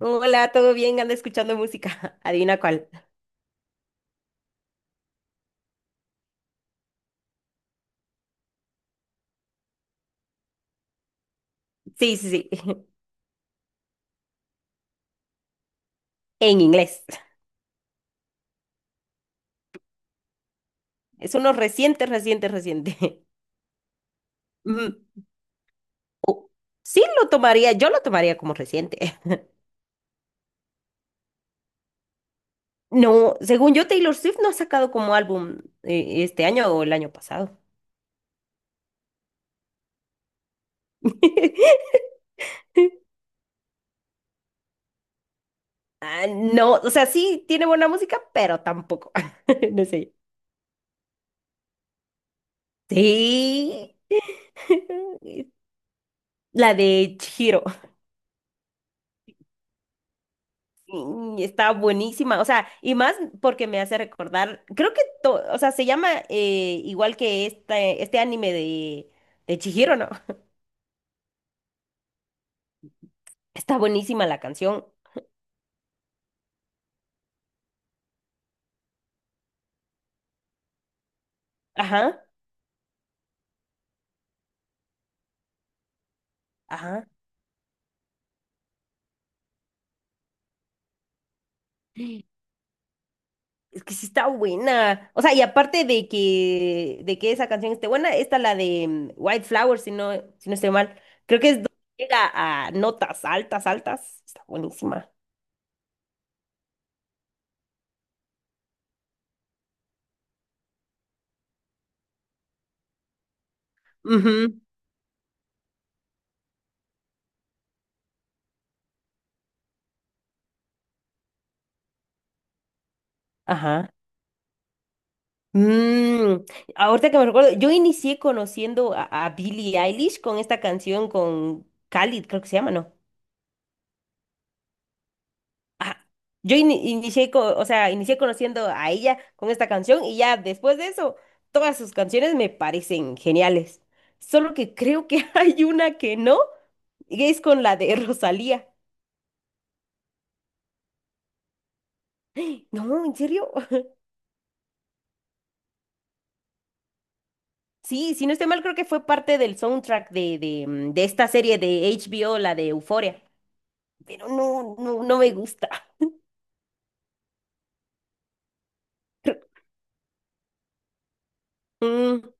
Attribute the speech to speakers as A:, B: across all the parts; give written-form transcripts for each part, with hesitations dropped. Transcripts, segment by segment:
A: Hola, ¿todo bien? ¿Anda escuchando música? Adivina cuál. Sí, sí, sí. En inglés. Es uno reciente, reciente, reciente. Mm, oh, sí, lo tomaría, yo lo tomaría como reciente. No, según yo, Taylor Swift no ha sacado como álbum este año o el año pasado. Ah, no, o sea, sí tiene buena música, pero tampoco. No sé. Sí. La de Chihiro. Y está buenísima, o sea, y más porque me hace recordar, creo que, o sea, se llama igual que este anime de Chihiro, ¿no? Está buenísima la canción. Ajá, ajá. Es que sí está buena. O sea, y aparte de que esa canción esté buena, está la de White Flower, si no, si no estoy mal. Creo que es donde llega a notas altas, altas. Está buenísima. Ujú. Ajá. Mm, ahorita que me recuerdo, yo inicié conociendo a Billie Eilish con esta canción con Khalid, creo que se llama, ¿no? Ajá. Yo inicié, o sea, inicié conociendo a ella con esta canción y ya después de eso, todas sus canciones me parecen geniales. Solo que creo que hay una que no, y es con la de Rosalía. No, ¿en serio? Sí, si no estoy mal, creo que fue parte del soundtrack de, de esta serie de HBO, la de Euphoria. Pero no, no, no me gusta. Mm.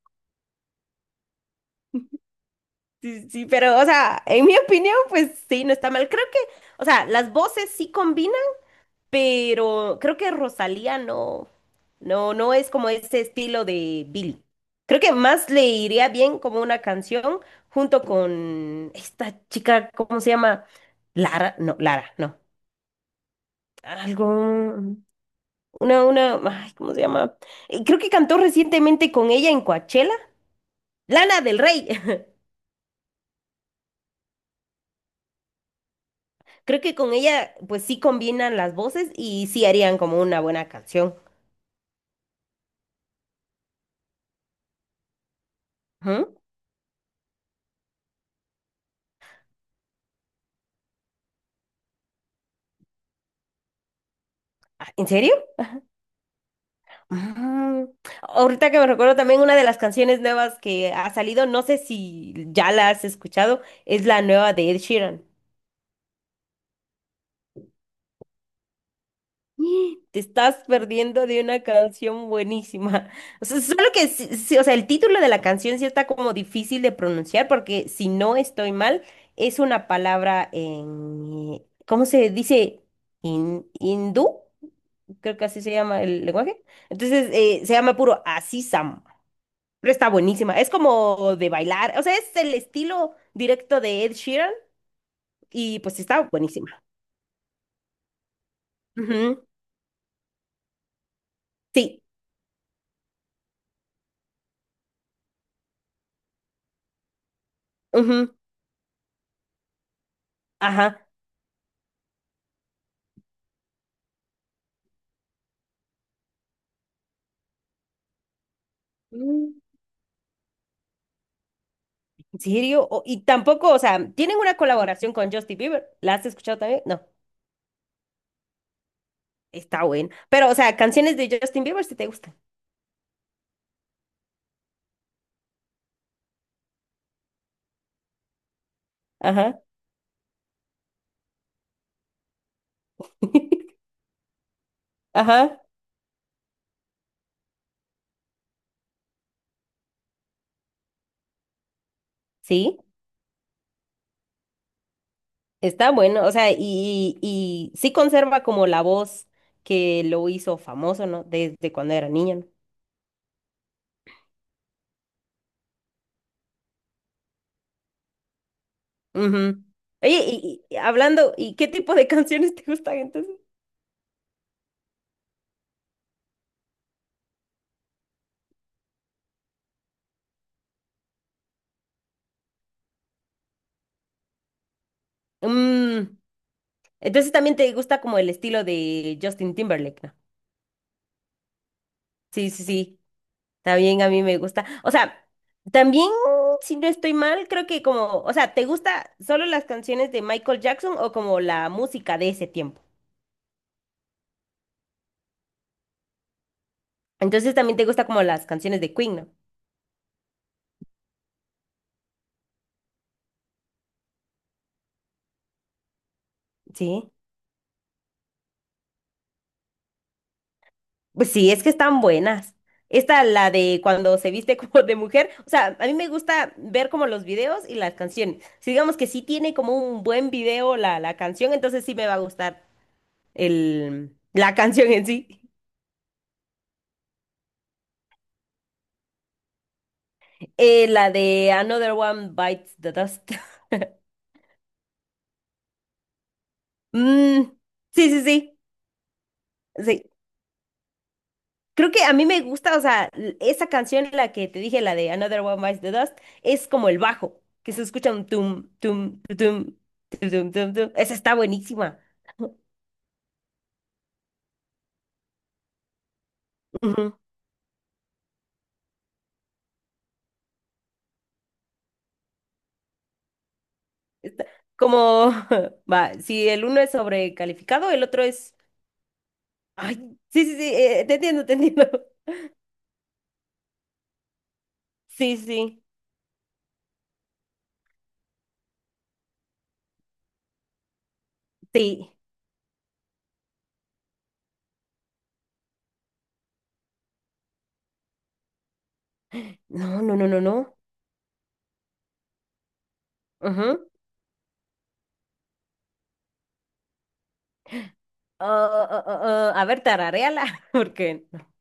A: Sí, sí, pero, o sea, en mi opinión, pues sí, no está mal. Creo que, o sea, las voces sí combinan, pero creo que Rosalía no, no, no es como ese estilo de Billy. Creo que más le iría bien como una canción junto con esta chica, ¿cómo se llama? Lara, no, Lara, no. Algo, una, ay, ¿cómo se llama? Creo que cantó recientemente con ella en Coachella, Lana del Rey. Creo que con ella, pues sí combinan las voces y sí harían como una buena canción. Ujú. Ah, ¿en serio? Mm. Ahorita que me recuerdo también una de las canciones nuevas que ha salido, no sé si ya la has escuchado, es la nueva de Ed Sheeran. Te estás perdiendo de una canción buenísima. O sea, solo que, sí, o sea, el título de la canción sí está como difícil de pronunciar porque si no estoy mal, es una palabra en, ¿cómo se dice? ¿In, hindú? Creo que así se llama el lenguaje. Entonces, se llama puro Así Sam. Pero está buenísima. Es como de bailar. O sea, es el estilo directo de Ed Sheeran y pues está buenísima. Ujú. Sí. Ujú, ajá. Mm. ¿En serio? Y tampoco, o sea, tienen una colaboración con Justin Bieber. ¿La has escuchado también? No, está buena. Pero, o sea, canciones de Justin Bieber si te gustan. Ajá. Ajá. Sí. Está bueno, o sea, y sí conserva como la voz que lo hizo famoso, ¿no? Desde cuando era niño, ¿no? Ujú. Oye, y hablando, ¿y qué tipo de canciones te gustan entonces? Mm, entonces también te gusta como el estilo de Justin Timberlake, ¿no? Sí, sí, sí, también a mí me gusta. O sea, también, si no estoy mal, creo que como, o sea, ¿te gusta solo las canciones de Michael Jackson o como la música de ese tiempo? Entonces también te gusta como las canciones de Queen, ¿no? Sí. Pues sí, es que están buenas. Esta, la de cuando se viste como de mujer, o sea, a mí me gusta ver como los videos y las canciones. Si digamos que sí tiene como un buen video la, la canción, entonces sí me va a gustar el, la canción en sí. La de Another One Bites the Dust. Mm, sí, sí, sí, sí. Creo que a mí me gusta, o sea, esa canción, la que te dije, la de Another One Bites the Dust, es como el bajo, que se escucha un tum, tum, tu, tum, tu, tum, tum, tum. Esa está buenísima. Ujú. Como, va, si el uno es sobrecalificado, el otro es... Ay, sí, sí, sí, te entiendo, te entiendo. Sí, sí, sí. No, no, no, no, no. Ajá. Ah, ah, ah, ah, ah. A ver, tararéala, porque... no.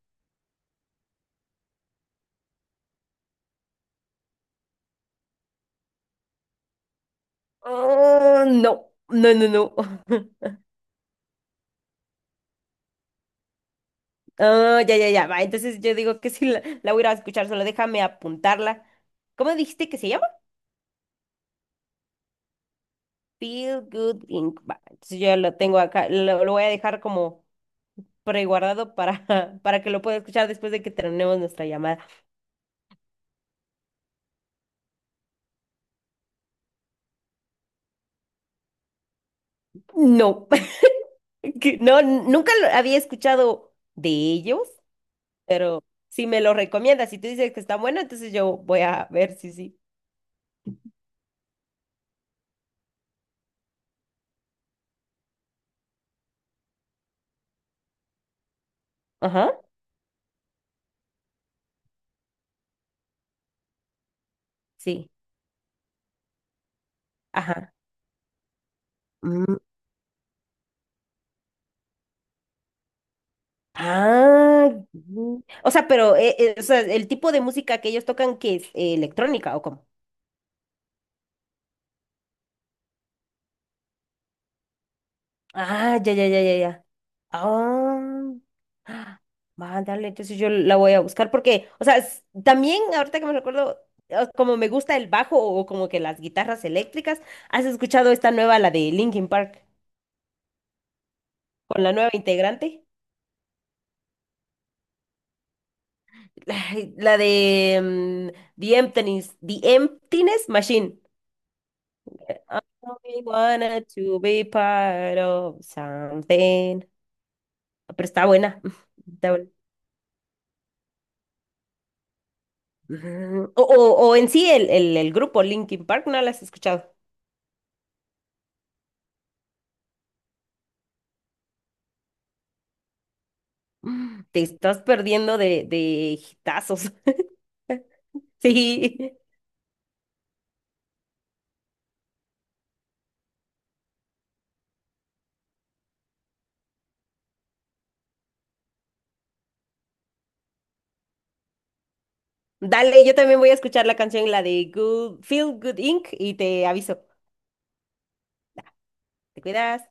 A: Oh, no, no, no, no. Ah, ya, ya, ya. Va, entonces yo digo que si la, la voy a ir a escuchar, solo déjame apuntarla. ¿Cómo dijiste que se llama? Feel Good Inc. Va, entonces yo lo tengo acá, lo voy a dejar como preguardado para, para que lo pueda escuchar después de que terminemos nuestra llamada. No, que no, nunca lo había escuchado de ellos, pero si me lo recomiendas, si tú dices que está bueno, entonces yo voy a ver si sí. Ajá, sí, ajá. Ah, mm. O sea, pero o sea, el tipo de música que ellos tocan que es eh, electrónica o cómo. Ah, ya, ya, ya, ya, ya. Ah, ah, mándale, entonces yo la voy a buscar porque, o sea, también ahorita que me recuerdo, como me gusta el bajo o como que las guitarras eléctricas, ¿has escuchado esta nueva, la de Linkin Park, con la nueva integrante? Ay, la de The Emptiness, The Emptiness Machine. I only wanted to be part of something. Pero está buena. Está buena. Ujú. O, o en sí, el grupo Linkin Park, ¿no la has escuchado? Te estás perdiendo de hitazos. Sí. Dale, yo también voy a escuchar la canción, la de Feel Good Inc. y te aviso. ¿Te cuidas?